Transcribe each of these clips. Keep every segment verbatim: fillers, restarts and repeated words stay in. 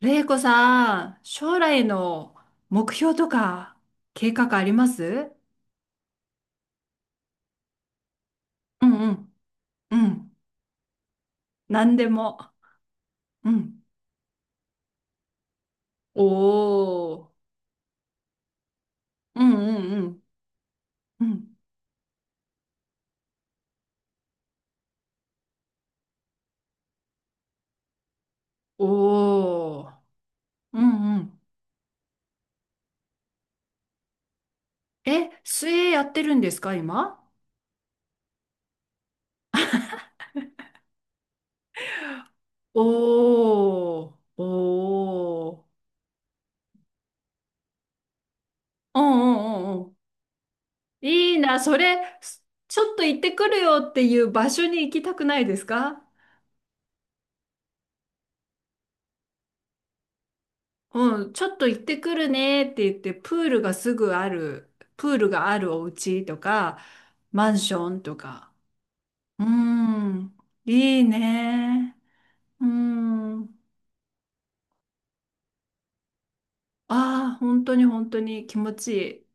れいこさん、将来の目標とか計画あります？うんうん。うん。何でも。うん。おー、うんうんうん。うん。おー。うんうん。え、水泳やってるんですか、今？おー、おー。うんうんうんうん。いいな、それ、ちょっと行ってくるよっていう場所に行きたくないですか？うん、ちょっと行ってくるねって言って、プールがすぐある、プールがあるお家とか、マンションとか。うん、いいね。うん。ああ、本当に本当に気持ちいい。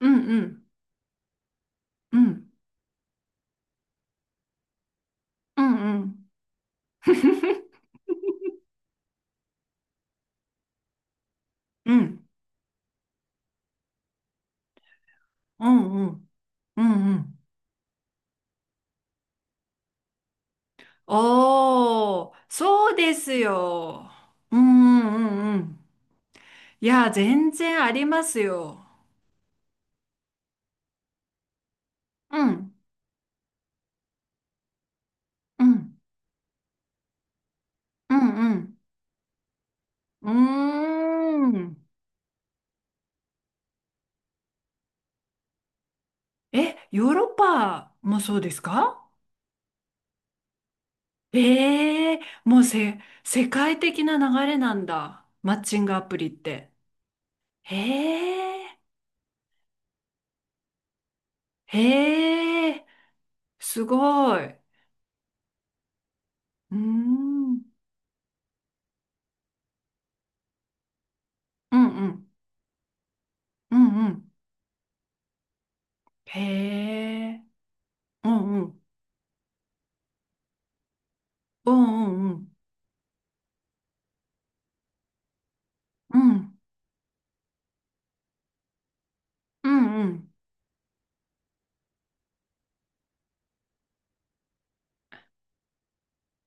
うんうん、うん、うんうん。うん、うん、うん、うん、うん。おー、そうですよ。うん、うん、うん。うん、いや、全然ありますよ。うん、うん、うん、うん。うーん。え、ヨーロッパもそうですか？ええー、もうせ、世界的な流れなんだ、マッチングアプリって。へえ、へえ、すごい。うーん、うんうん、うんうん。へえ、うんうん、うんうんうん、うん、うんうん、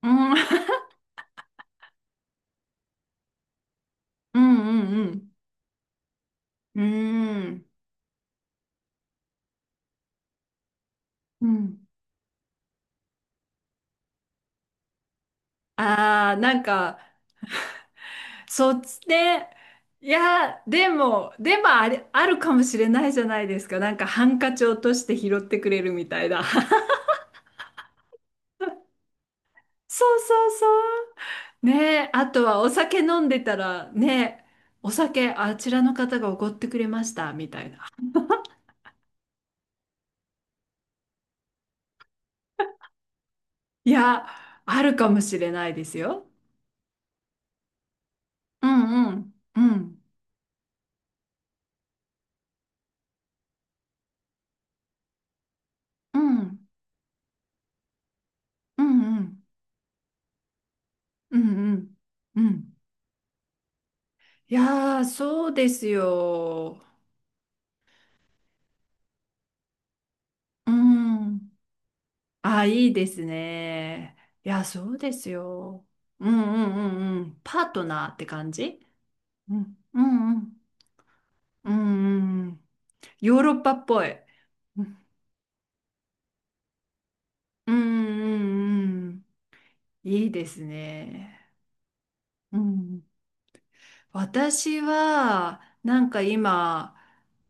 うん、うんうんうん、うーん、うん。ああ、なんか、そっちで、いや、でも、でもあれ、あるかもしれないじゃないですか。なんかハンカチ落として拾ってくれるみたいな。そうそうそう。ねえ、あとはお酒飲んでたら、ねえ、お酒あちらの方がおごってくれました、みたいな。いや、あるかもしれないですよ。うんうん、うん、うん、うん、うん、うん、うん。うん、いやー、そうですよ。うん。あ、いいですね。いや、そうですよ。うんうんうんうん。パートナーって感じ。うん。うんうん。うんうんうん。ヨーロッパっぽい。うんうんうんうん。いいですね。うん。私は、なんか今、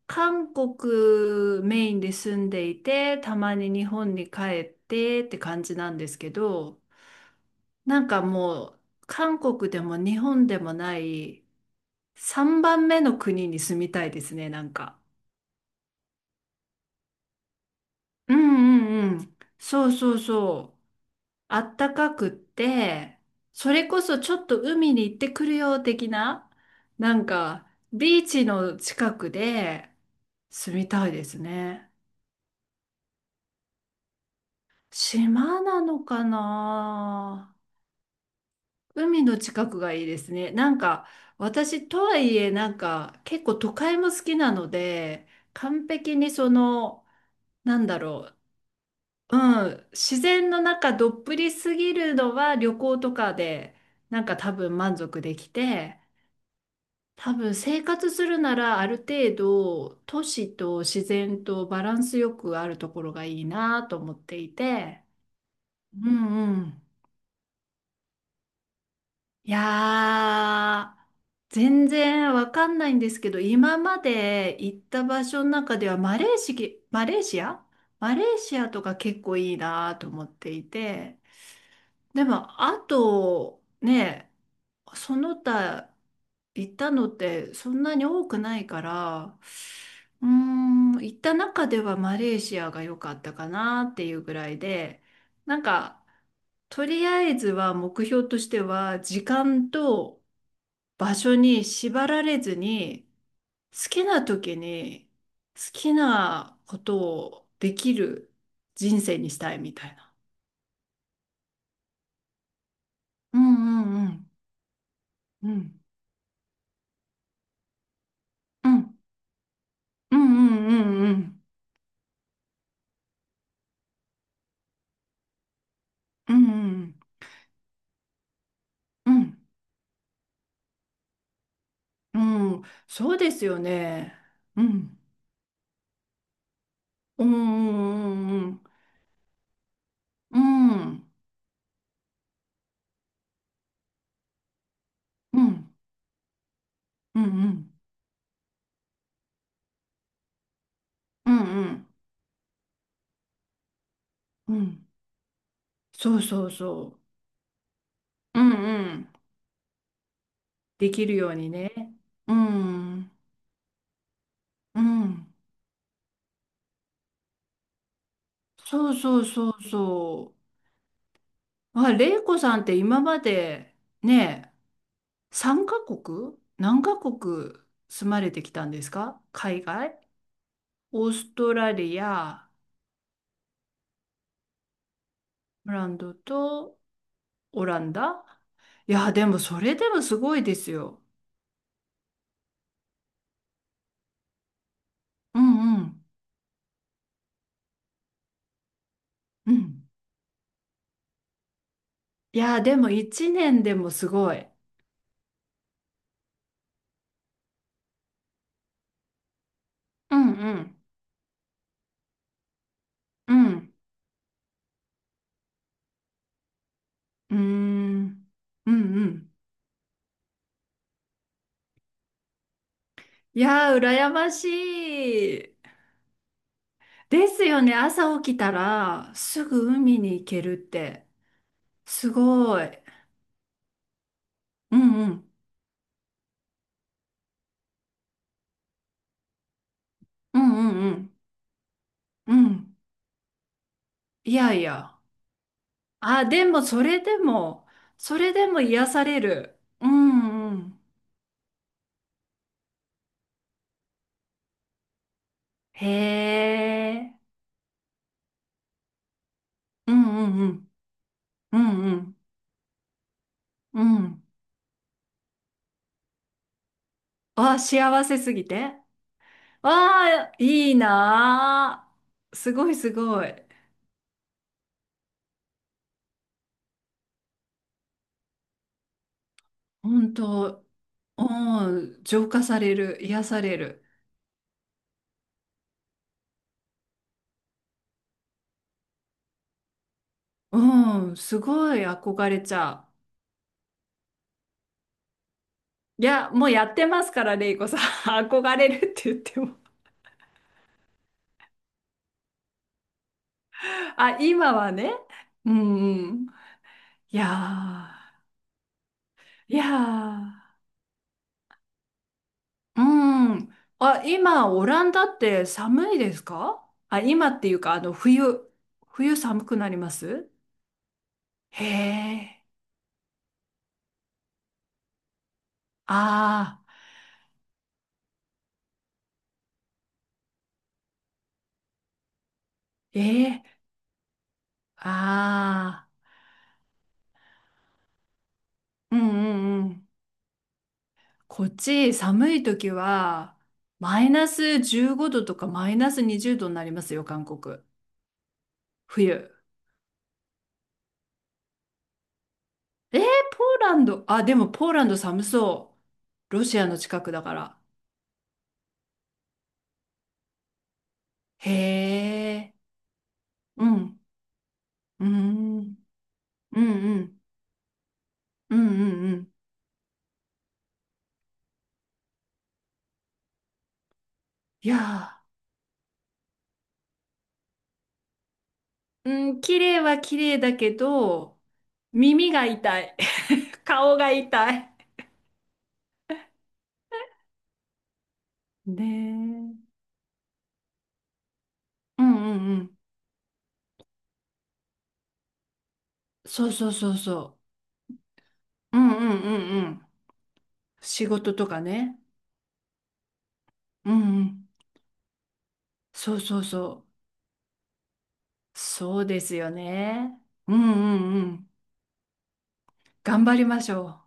韓国メインで住んでいて、たまに日本に帰ってって感じなんですけど、なんかもう、韓国でも日本でもない、さんばんめの国に住みたいですね、なんか。うんうんうん。そうそうそう。あったかくって、それこそちょっと海に行ってくるよ的な、なんか、ビーチの近くで住みたいですね。島なのかな。海の近くがいいですね。なんか、私とはいえ、なんか、結構都会も好きなので、完璧にその、なんだろう、うん、自然の中どっぷりすぎるのは旅行とかでなんか多分満足できて、多分生活するならある程度都市と自然とバランスよくあるところがいいなと思っていて。うんうん、いやー、全然わかんないんですけど、今まで行った場所の中ではマレーシ、マレーシア、マレーシアとか結構いいなと思っていて。でも、あと、ね、その他行ったのってそんなに多くないから、うーん、行った中ではマレーシアが良かったかなっていうぐらいで、なんか、とりあえずは目標としては、時間と場所に縛られずに、好きな時に好きなことをできる人生にしたいみたいな。うんうんうん。うん。うんうんうんうんうんうんうんうん、そうですよね。うんうんうんうんうんうんうんうんうんうんうん、そうそうそう、うんうん、できるようにね。うんうん、そうそうそうそう。あ、玲子さんって今までね、3カ国何カ国住まれてきたんですか、海外。オーストラリア、ブランドと、オランダ。いや、でもそれでもすごいですよ。うんうん。うん。いや、でも一年でもすごい。うんうんうん、うーん、うんうん、いやー、羨ましい。ですよね。朝起きたらすぐ海に行けるって。すごい。うんうんうんうんうんうん。いやいや。あ、でもそれでも、それでも癒される。うんうん。へえ。うんうんうん。うんうん。うん。わあ、幸せすぎて。わあ、いいなあ。すごいすごい。本当、うん、浄化される、癒される。うん、すごい憧れちゃう。いや、もうやってますから、レイコさん。憧れるって言っても。あ、今はね。うんうん。いやー、いやー。うん。あ、今、オランダって寒いですか？あ、今っていうか、あの、冬、冬寒くなります？へえ。ああ、ええ、ああ、うんうんうん。こっち、寒い時は、マイナスじゅうごどとかマイナスにじゅうどになりますよ、韓国。冬。えー、ポーランド。あ、でもポーランド寒そう。ロシアの近くだから。へえ。うん。うん。うんうん。うんうんうん。いやー、うん、綺麗は綺麗だけど、耳が痛い。顔が痛い。ねえ。うんうんうん。そうそうそうそう。うんうんうんうん。仕事とかね。うんうん。そうそうそう。そうですよね。うんうんうん。頑張りましょう。